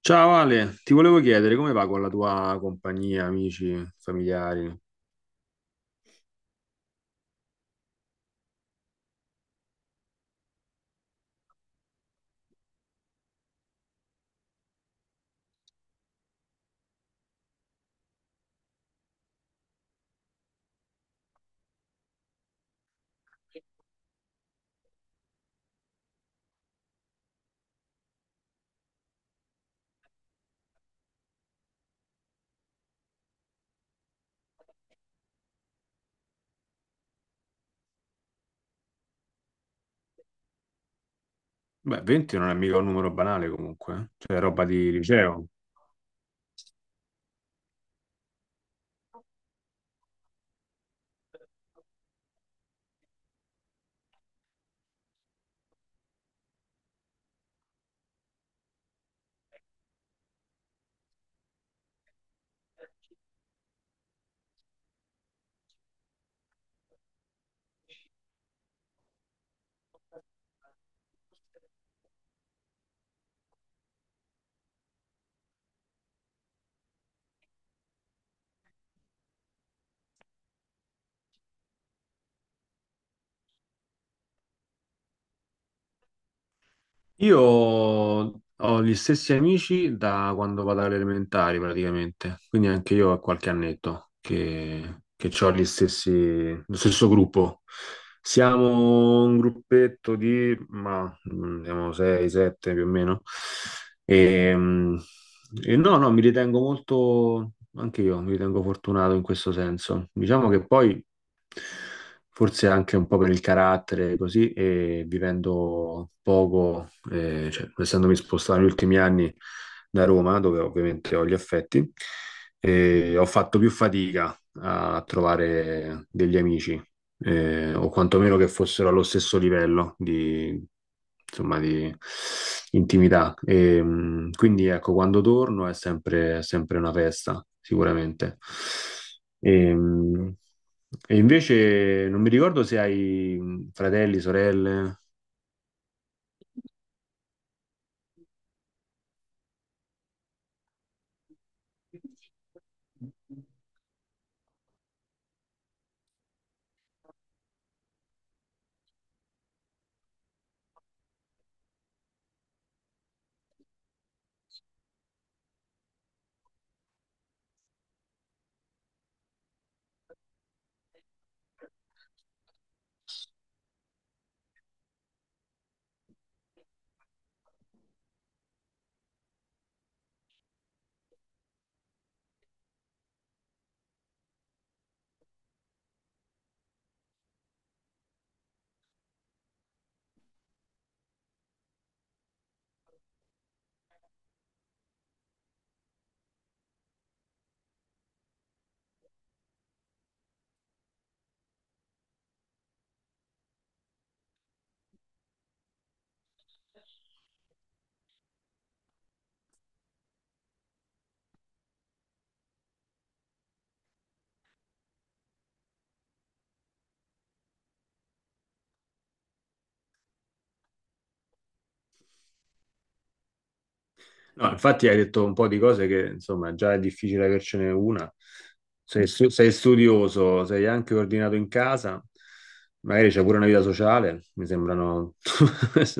Ciao Ale, ti volevo chiedere come va con la tua compagnia, amici, familiari? Beh, 20 non è mica un numero banale comunque, eh. Cioè, è roba di liceo. Io ho gli stessi amici da quando vado alle elementari praticamente, quindi anche io ho qualche annetto che ho gli stessi, lo stesso gruppo. Siamo un gruppetto di, ma siamo 6, 7 più o meno. E, mm, e no, no, mi ritengo molto, anche io mi ritengo fortunato in questo senso. Diciamo che poi forse anche un po' per il carattere, così, e vivendo poco, cioè, essendomi spostato negli ultimi anni da Roma, dove ovviamente ho gli affetti, ho fatto più fatica a trovare degli amici, o quantomeno che fossero allo stesso livello di, insomma, di intimità. E quindi ecco, quando torno è sempre una festa, sicuramente. E, mh, e invece non mi ricordo se hai fratelli, sorelle. No, infatti hai detto un po' di cose che, insomma, già è difficile avercene una. Sei studioso, sei anche ordinato in casa, magari c'è pure una vita sociale, mi sembrano.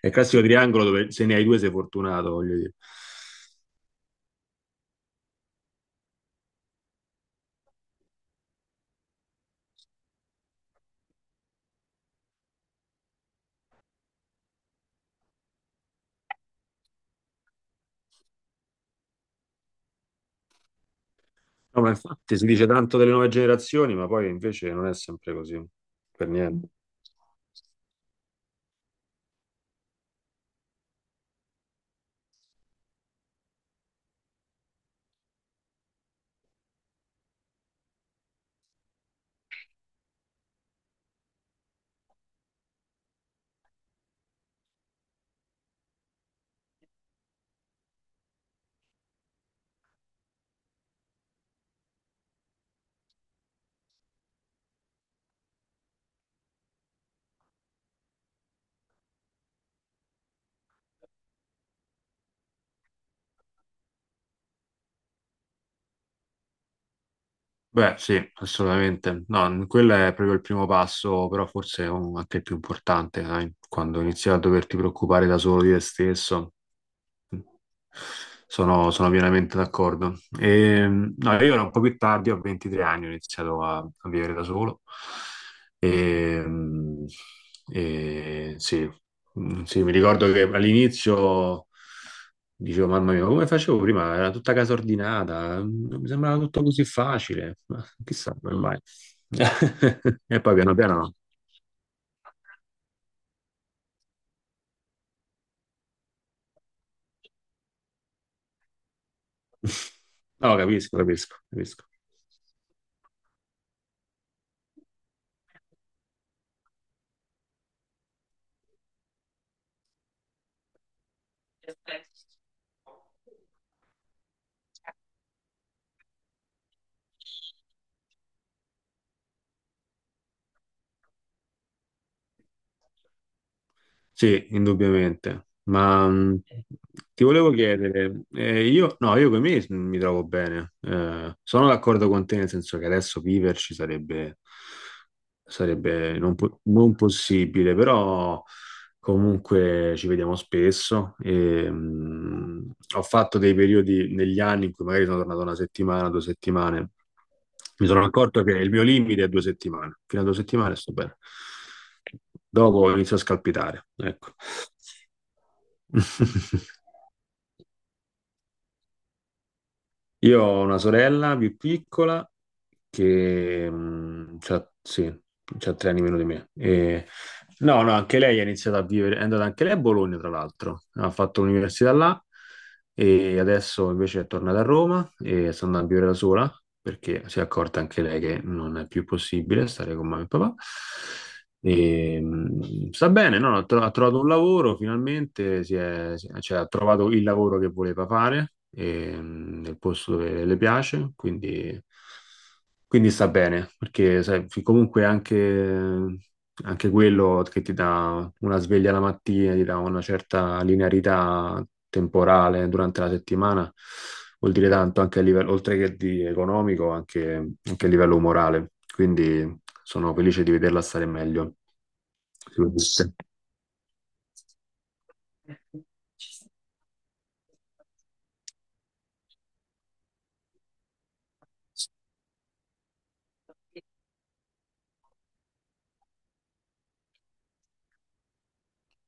È il classico triangolo dove se ne hai due sei fortunato, voglio dire. No, ma infatti si dice tanto delle nuove generazioni, ma poi invece non è sempre così, per niente. Beh, sì, assolutamente. No, quello è proprio il primo passo, però forse anche il più importante, dai, quando inizi a doverti preoccupare da solo di te stesso. Sono pienamente d'accordo. E, no, io ero un po' più tardi, ho 23 anni, ho iniziato a vivere da solo. E, mm, e sì. Mm, sì, mi ricordo che all'inizio dicevo, mamma mia, ma come facevo prima? Era tutta casa ordinata, non mi sembrava tutto così facile, ma chissà come mai. E poi piano piano. No, capisco, capisco, capisco. Sì, indubbiamente. Ma ti volevo chiedere, io, no, io con me mi trovo bene. Sono d'accordo con te, nel senso che adesso viverci sarebbe, sarebbe non possibile, però. Comunque ci vediamo spesso. E ho fatto dei periodi negli anni in cui magari sono tornato una settimana, 2 settimane. Mi sono accorto che il mio limite è 2 settimane. Fino a 2 settimane sto bene. Dopo inizio a scalpitare. Ecco. Io ho una sorella più piccola che c'ha, sì, c'ha 3 anni meno di me. No, no, anche lei ha iniziato a vivere, è andata anche lei a Bologna, tra l'altro, ha fatto l'università là e adesso invece è tornata a Roma e sta andando a vivere da sola perché si è accorta anche lei che non è più possibile stare con mamma e papà. E sta bene, no? No, ha trovato un lavoro finalmente, cioè, ha trovato il lavoro che voleva fare e, nel posto dove le piace, quindi sta bene, perché sai, comunque anche quello che ti dà una sveglia la mattina, ti dà una certa linearità temporale durante la settimana, vuol dire tanto anche a livello, oltre che di economico, anche a livello morale. Quindi sono felice di vederla stare meglio, sicuramente.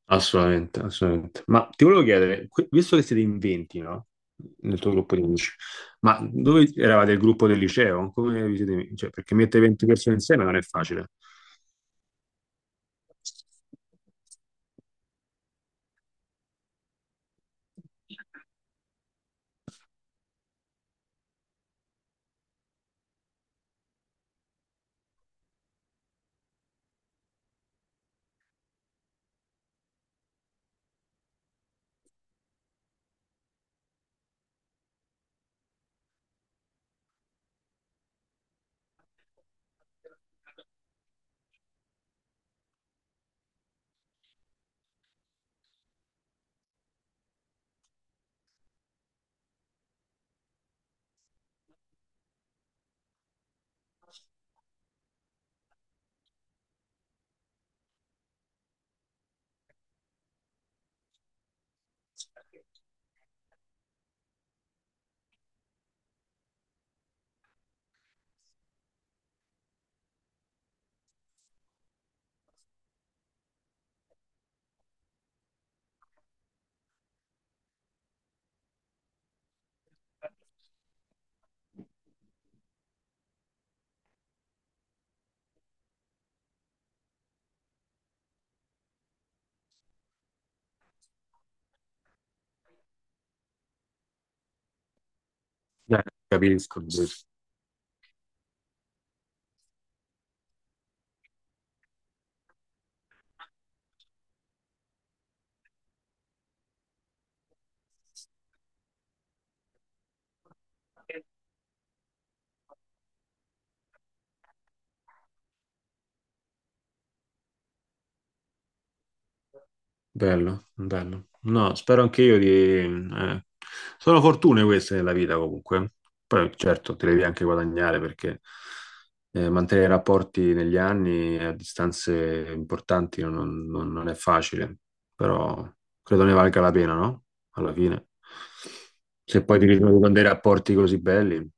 Assolutamente, assolutamente. Ma ti volevo chiedere, visto che siete in 20, no? Nel tuo gruppo di amici, ma dove eravate il gruppo del liceo? Cioè, perché mettere 20 persone insieme non è facile. Eh, capisco. Bello, bello. No, spero anche io di. Sono fortune queste nella vita comunque. Poi certo, te le devi anche guadagnare perché mantenere rapporti negli anni a distanze importanti non è facile, però credo ne valga la pena, no? Alla fine. Se poi ti ritrovi con dei rapporti così belli,